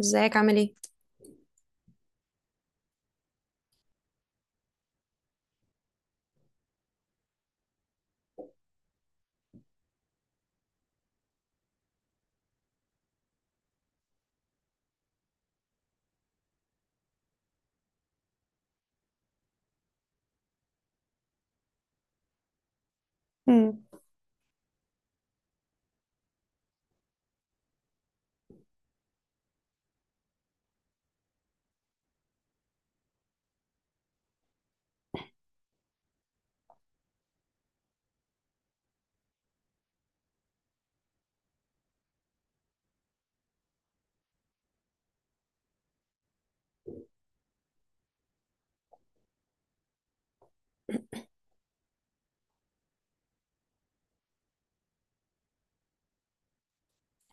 ازيك عامل ايه؟ مم.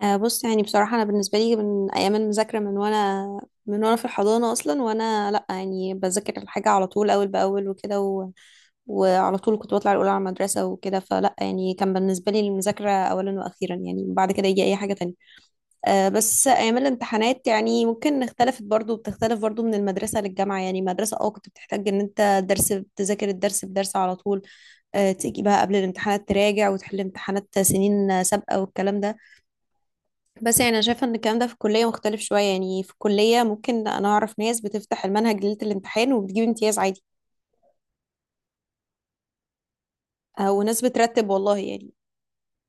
آه، بص، يعني بصراحة أنا بالنسبة لي من أيام المذاكرة من وأنا في الحضانة أصلا، وأنا لأ يعني بذاكر الحاجة على طول أول بأول وكده وعلى طول كنت بطلع الأولى على المدرسة وكده، فلأ يعني كان بالنسبة لي المذاكرة أولا وأخيرا، يعني بعد كده يجي أي حاجة تانية. آه، بس أيام الامتحانات يعني ممكن اختلفت، برضو بتختلف برضو من المدرسة للجامعة، يعني مدرسة كنت بتحتاج إن أنت تذاكر الدرس بدرس على طول، آه، تيجي بقى قبل الامتحانات تراجع وتحل امتحانات سنين سابقة والكلام ده. بس يعني انا شايفه ان الكلام ده في الكليه مختلف شويه، يعني في الكليه ممكن انا اعرف ناس بتفتح المنهج ليله الامتحان وبتجيب امتياز عادي، او ناس بترتب والله يعني،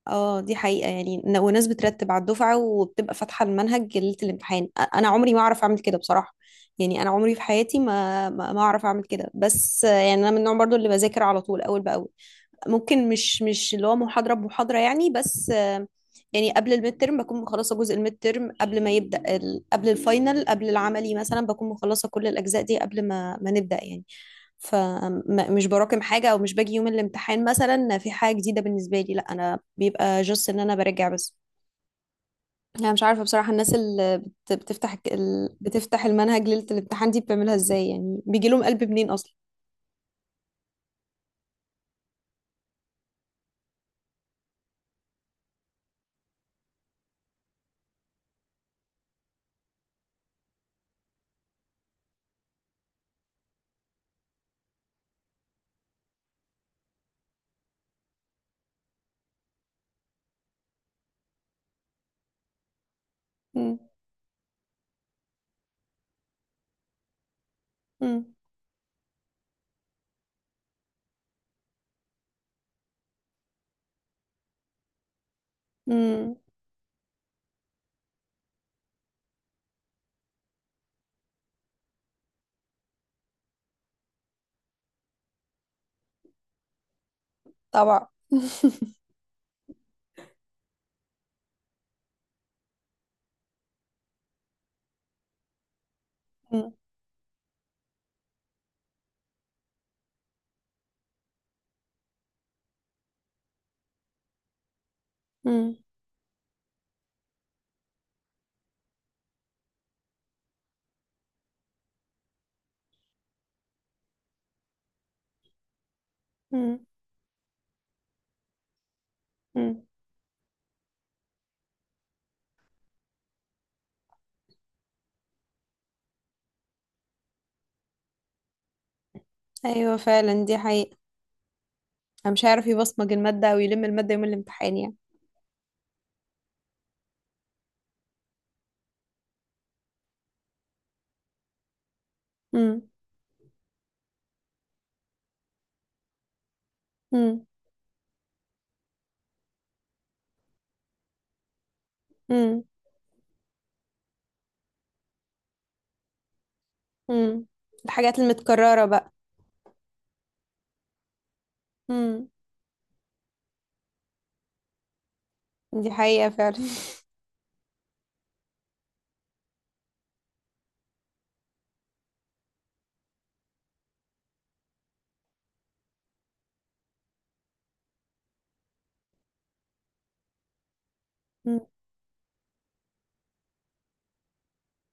اه دي حقيقه يعني، وناس بترتب على الدفعه وبتبقى فاتحه المنهج ليله الامتحان. انا عمري ما اعرف اعمل كده بصراحه، يعني انا عمري في حياتي ما اعرف اعمل كده. بس يعني انا من النوع برضو اللي بذاكر على طول اول باول، ممكن مش اللي هو محاضرة بمحاضرة يعني، بس يعني قبل الميد ترم بكون مخلصة جزء الميد ترم قبل ما يبدأ قبل الفاينل، قبل العملي مثلا بكون مخلصة كل الأجزاء دي قبل ما نبدأ يعني. فمش براكم حاجة، أو مش باجي يوم الامتحان مثلا في حاجة جديدة بالنسبة لي، لا أنا بيبقى جست إن أنا براجع بس. أنا مش عارفة بصراحة الناس اللي بتفتح بتفتح المنهج ليلة الامتحان دي بتعملها إزاي، يعني بيجي لهم قلب منين أصلا؟ مم. مم. مم. طبعا. مم. مم. مم. مم. ايوه فعلا، دي حقيقة. أنا مش هيعرف يبصمج المادة او يلم المادة يوم الامتحان يعني. مم. مم. مم. مم. الحاجات المتكررة بقى. مم. دي حقيقة فعلا. مم.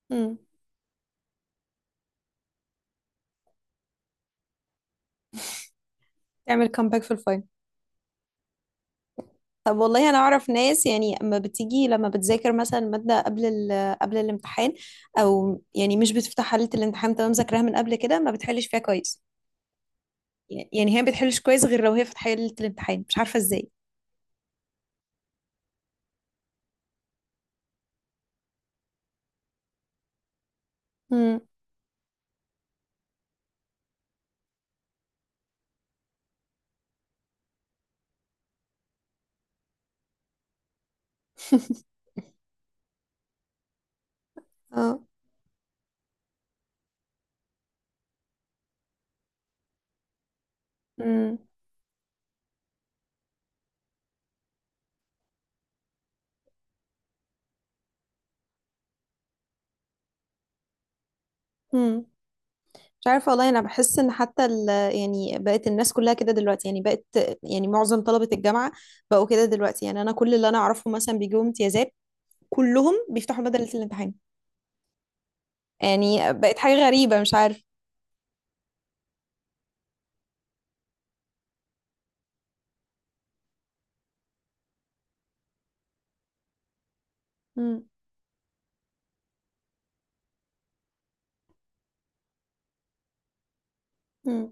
مم. تعمل كامباك في الفاينل. طب والله انا اعرف ناس يعني اما بتيجي لما بتذاكر مثلا ماده قبل قبل الامتحان، او يعني مش بتفتح حله الامتحان تمام، مذاكراها من قبل كده ما بتحلش فيها كويس. يعني هي ما بتحلش كويس غير لو هي فتحت حله الامتحان، مش عارفه ازاي. امم. اه. مم. مش عارفة والله، أنا بحس إن حتى يعني بقت الناس كلها كده دلوقتي، يعني بقت، يعني معظم طلبة الجامعة بقوا كده دلوقتي، يعني أنا كل اللي أنا أعرفه مثلا بيجيبوا امتيازات، كلهم بيفتحوا بدلة الامتحان، يعني بقت حاجة غريبة مش عارفة. مم. مم.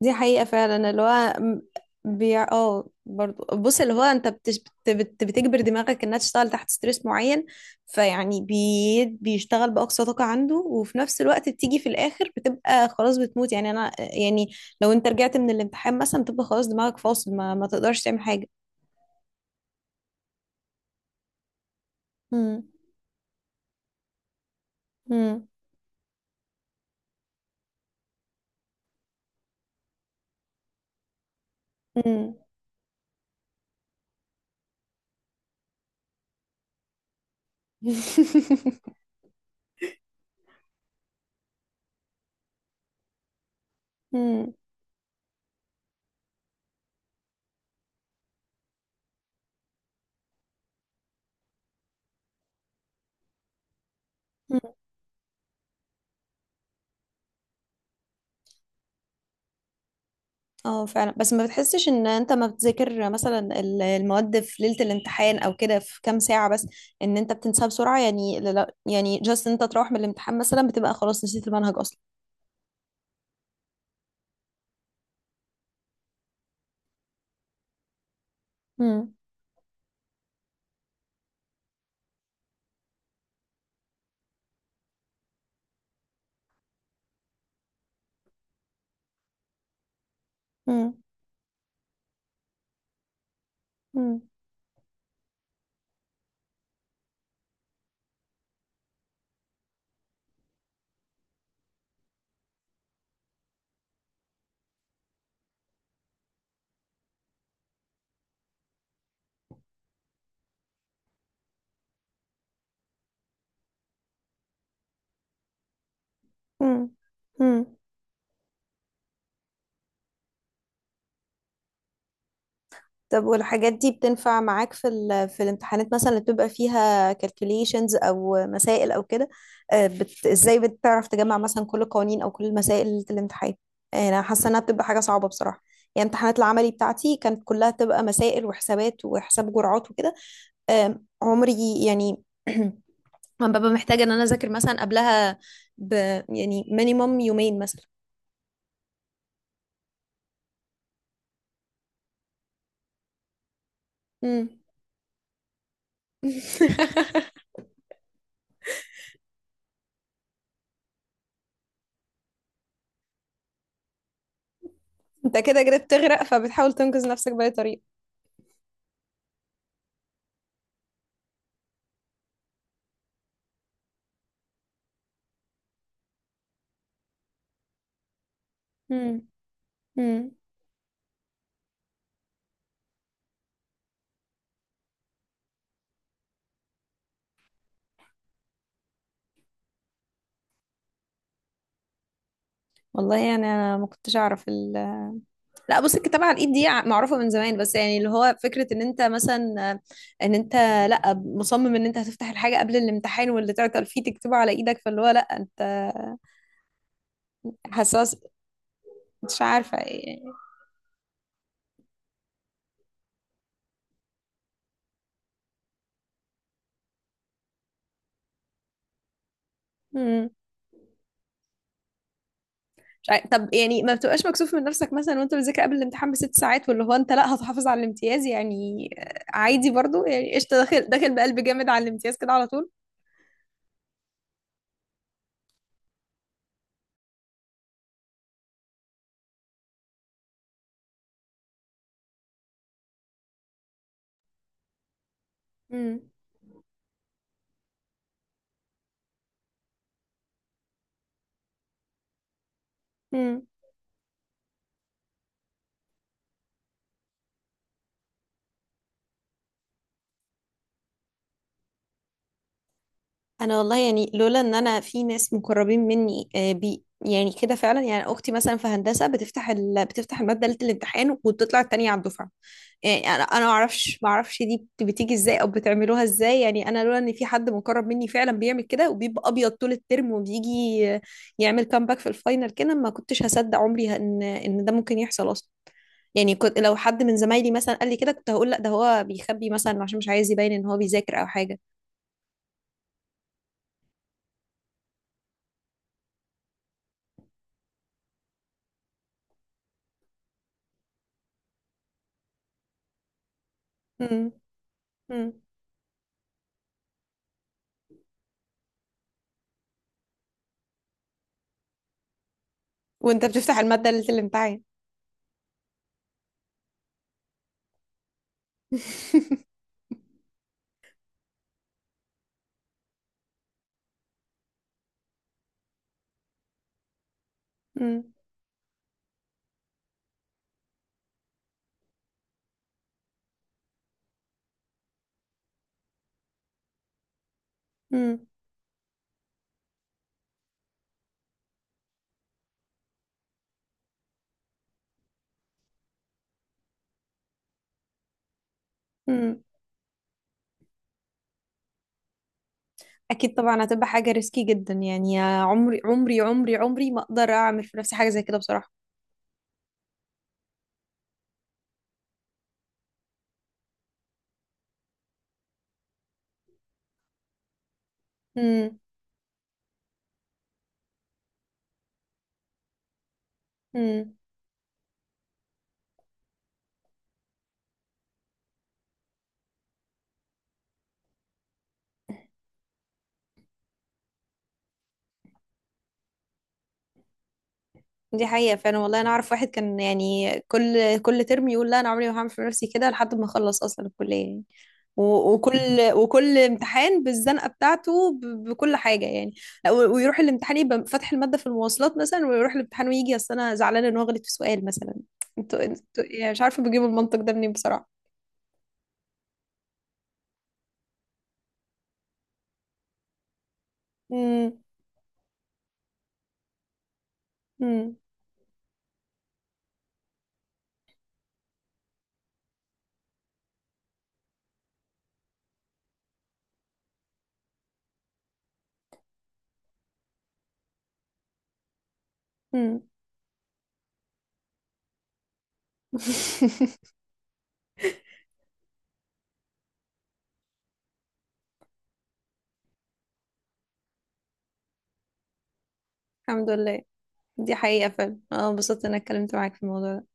دي حقيقة فعلا، اللي هو بيع برضو، بص اللي هو انت بتجبر دماغك انها تشتغل تحت ستريس معين، فيعني بيشتغل بأقصى طاقة عنده، وفي نفس الوقت بتيجي في الآخر بتبقى خلاص بتموت، يعني انا يعني لو انت رجعت من الامتحان مثلا بتبقى خلاص دماغك فاصل ما تقدرش تعمل حاجة. مم. مم. مم. مم. اه فعلا، بس ما بتحسش ان انت ما بتذاكر مثلا المواد في ليلة الامتحان او كده في كام ساعة بس، ان انت بتنساها بسرعة؟ يعني يعني جاست انت تروح من الامتحان مثلا بتبقى خلاص نسيت المنهج اصلا. امم. امم. امم. امم. طب والحاجات دي بتنفع معاك في الامتحانات مثلا اللي بتبقى فيها calculations او مسائل او كده؟ ازاي بتعرف تجمع مثلا كل القوانين او كل المسائل اللي في الامتحان؟ يعني انا حاسه انها بتبقى حاجه صعبه بصراحه، يعني امتحانات العملي بتاعتي كانت كلها تبقى مسائل وحسابات وحساب جرعات وكده. عمري يعني لما ببقى محتاجه ان انا اذاكر مثلا قبلها ب يعني مينيمم يومين مثلا. مم. انت كده كده بتغرق فبتحاول تنقذ نفسك بأي طريقه. مم. مم. والله يعني انا ما كنتش اعرف لا، بص، الكتابه على الايد دي معروفه من زمان، بس يعني اللي هو فكره ان انت مثلا ان انت لا مصمم ان انت هتفتح الحاجه قبل الامتحان واللي تعطل فيه تكتبه على ايدك، فاللي هو لا انت حساس، مش عارفه يعني. مم. مش عارف. طب يعني ما بتبقاش مكسوف من نفسك مثلا وانت بتذاكر قبل الامتحان بـ6 ساعات، واللي هو انت لا هتحافظ على الامتياز يعني، عادي برضو يعني، قشطه داخل داخل بقلب جامد على الامتياز كده على طول؟ مم. انا والله يعني لولا ان انا في ناس مقربين مني، آه، بي يعني كده فعلا، يعني اختي مثلا في هندسه بتفتح بتفتح الماده ليله الامتحان وبتطلع التانية على الدفعه. يعني انا ما اعرفش دي بتيجي ازاي، او بتعملوها ازاي، يعني انا لولا ان في حد مقرب مني فعلا بيعمل كده وبيبقى ابيض طول الترم، وبيجي آه، يعمل كامباك في الفاينل كده، ما كنتش هصدق عمري ان ده ممكن يحصل اصلا. يعني كنت لو حد من زمايلي مثلا قال لي كده كنت هقول لا، ده هو بيخبي مثلا عشان مش عايز يبين ان هو بيذاكر او حاجه. امم. وانت بتفتح المادة ليلة الامتحان. مم. مم. مم. اكيد طبعا، هتبقى حاجة ريسكي جدا، يعني يا عمري عمري عمري عمري ما اقدر اعمل في نفسي حاجة زي كده بصراحة. مم. مم. دي حقيقة فعلا، والله أنا أعرف واحد كان يعني كل ترم يقول لا أنا عمري ما هعمل في نفسي كده لحد ما أخلص أصلا الكلية يعني، و- وكل وكل امتحان بالزنقة بتاعته، بكل حاجة يعني. لا، ويروح الامتحان يبقى فاتح المادة في المواصلات مثلا، ويروح الامتحان ويجي أصل أنا زعلانة إن هو غلط في سؤال مثلا. انتوا يعني مش عارفة بجيبوا المنطق ده منين بصراحة. مم. مم. مم. الحمد لله. دي حقيقة فعلا، أنا انبسطت إن أنا اتكلمت معاك في الموضوع ده.